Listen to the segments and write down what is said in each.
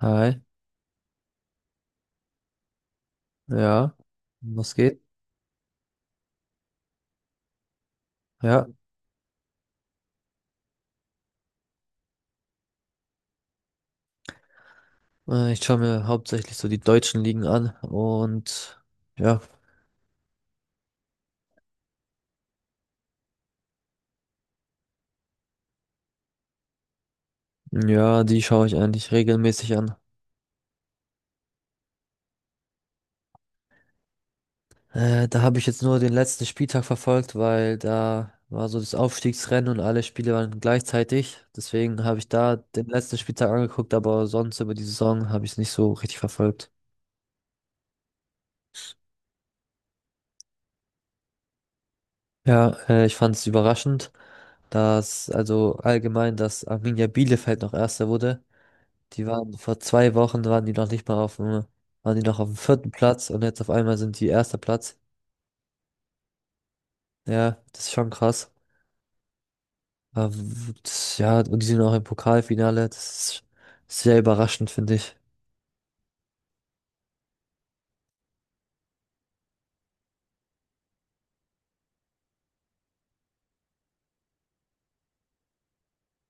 Hi, ja, was geht? Ja, Ich schaue mir hauptsächlich so die deutschen Ligen an und ja, ja, die schaue ich eigentlich regelmäßig an. Da habe ich jetzt nur den letzten Spieltag verfolgt, weil da war so das Aufstiegsrennen und alle Spiele waren gleichzeitig. Deswegen habe ich da den letzten Spieltag angeguckt, aber sonst über die Saison habe ich es nicht so richtig verfolgt. Ja, Ich fand es überraschend, dass also allgemein, dass Arminia Bielefeld noch Erster wurde. Die waren vor zwei Wochen waren die noch nicht mal auf dem, waren die noch auf dem vierten Platz und jetzt auf einmal sind die erster Platz. Ja, das ist schon krass. Aber ja, und die sind auch im Pokalfinale. Das ist sehr überraschend, finde ich.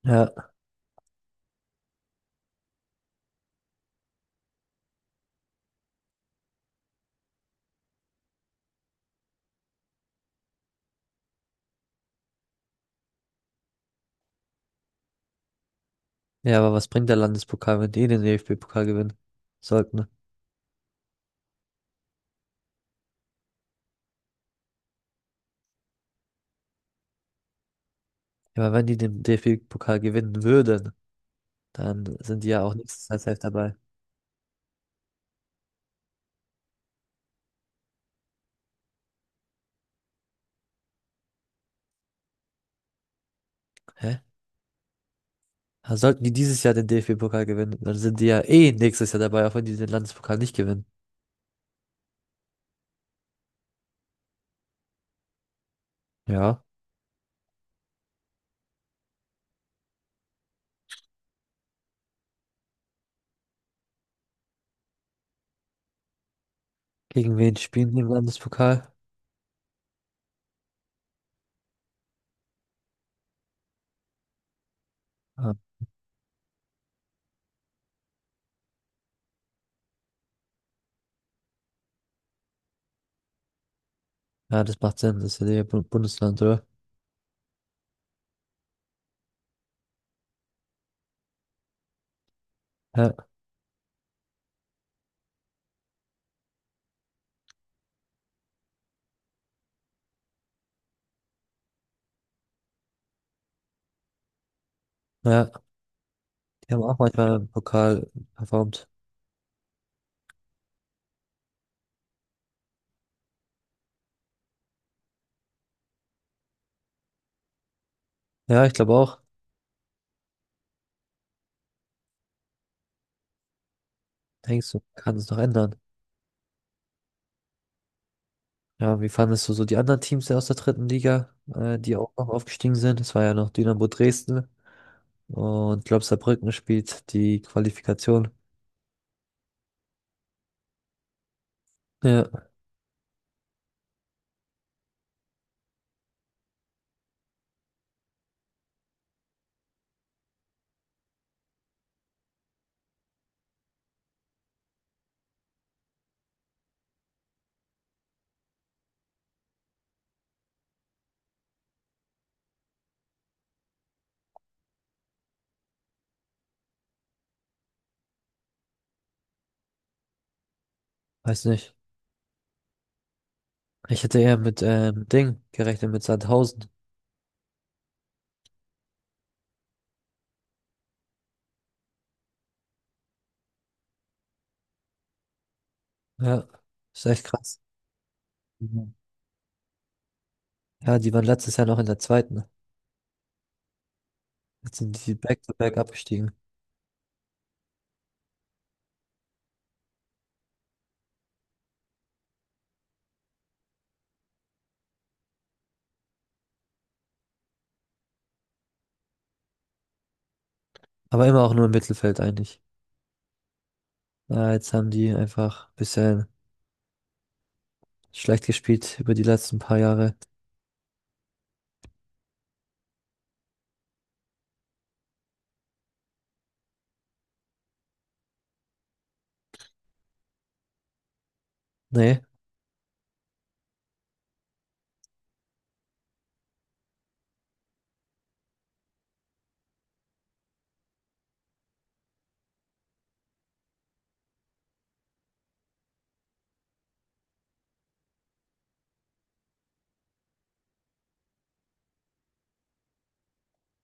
Ja. Ja, aber was bringt der Landespokal, wenn die den DFB-Pokal gewinnen sollten? Ja, aber wenn die den DFB-Pokal gewinnen würden, dann sind die ja auch nächstes Jahr safe dabei. Hä? Also sollten die dieses Jahr den DFB-Pokal gewinnen, dann sind die ja eh nächstes Jahr dabei, auch wenn die den Landespokal nicht gewinnen. Ja. Gegen wen spielen die im Landespokal? Ah, ja, das macht Sinn, das ist ja der Bundesland, oder? Ja, ja, die haben auch manchmal im Pokal performt. Ja, ich glaube auch. Denkst du, kann es noch ändern? Ja, wie fandest du so die anderen Teams aus der dritten Liga, die auch noch aufgestiegen sind? Es war ja noch Dynamo Dresden und glaube Saarbrücken spielt die Qualifikation. Ja, weiß nicht. Ich hätte eher mit Ding gerechnet, mit Sandhausen. Ja, ist echt krass. Mhm. Ja, die waren letztes Jahr noch in der zweiten. Jetzt sind die Back-to-Back abgestiegen. Aber immer auch nur im Mittelfeld eigentlich. Ja, jetzt haben die einfach ein bisschen schlecht gespielt über die letzten paar Jahre. Nee.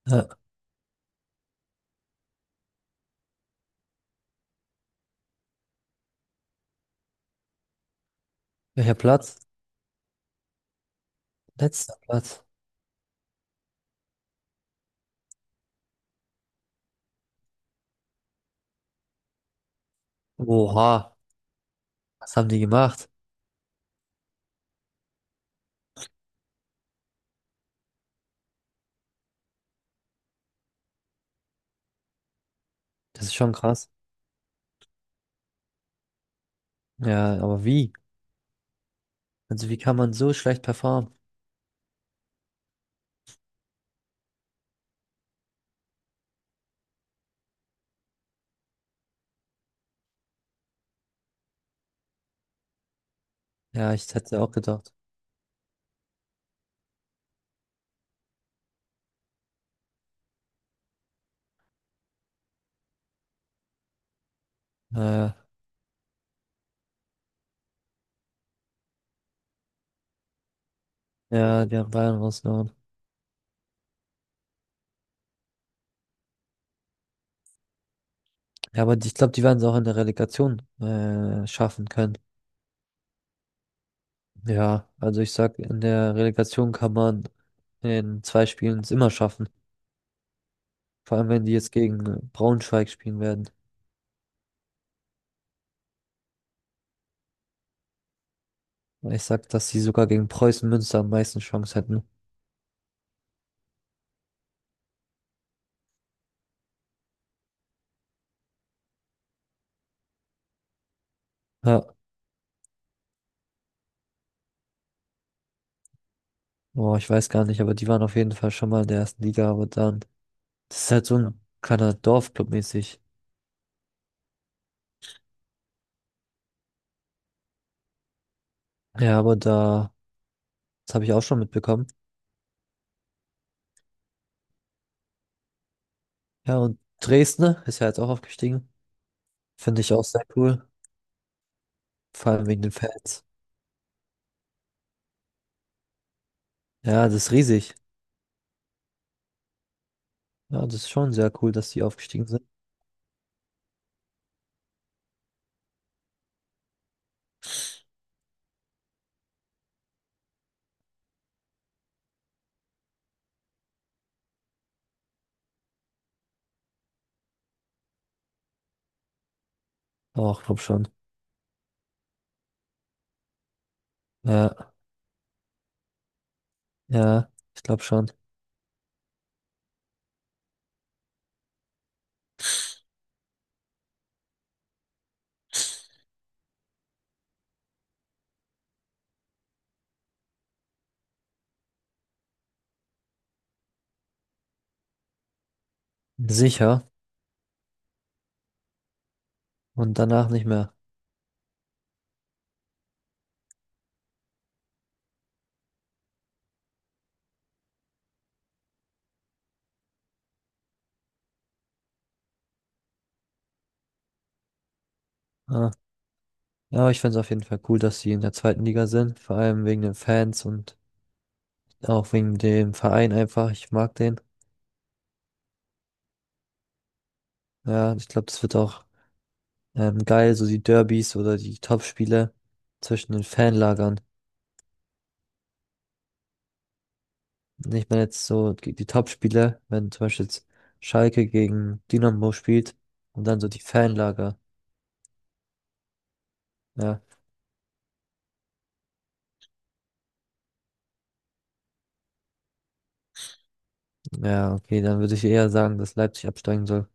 Ja. Welcher Platz? Letzter Platz. Oha. Was haben die gemacht? Das ist schon krass. Ja, aber wie? Also wie kann man so schlecht performen? Ja, ich hätte auch gedacht. Äh, ja, die haben Bayern rausgehauen. Ja, aber ich glaube, die werden es auch in der Relegation schaffen können. Ja, also ich sag, in der Relegation kann man in zwei Spielen es immer schaffen. Vor allem, wenn die jetzt gegen Braunschweig spielen werden. Ich sag, dass sie sogar gegen Preußen Münster am meisten Chance hätten. Ja, boah, ich weiß gar nicht, aber die waren auf jeden Fall schon mal in der ersten Liga, aber dann, das ist halt so. Ja, ein kleiner Dorfclub mäßig. Ja, aber da, das habe ich auch schon mitbekommen. Ja, und Dresden ist ja jetzt auch aufgestiegen. Finde ich auch sehr cool. Vor allem wegen den Fans. Ja, das ist riesig. Ja, das ist schon sehr cool, dass die aufgestiegen sind. Auch, glaub schon. Ja, ja, ich glaube schon. Sicher und danach nicht mehr. Ah. Ja, aber ich finde es auf jeden Fall cool, dass sie in der zweiten Liga sind, vor allem wegen den Fans und auch wegen dem Verein einfach. Ich mag den. Ja, ich glaube, das wird auch geil, so die Derbys oder die Topspiele zwischen den Fanlagern. Ich meine jetzt so die Topspiele, wenn zum Beispiel jetzt Schalke gegen Dynamo spielt und dann so die Fanlager. Ja, ja, okay, dann würde ich eher sagen, dass Leipzig absteigen soll.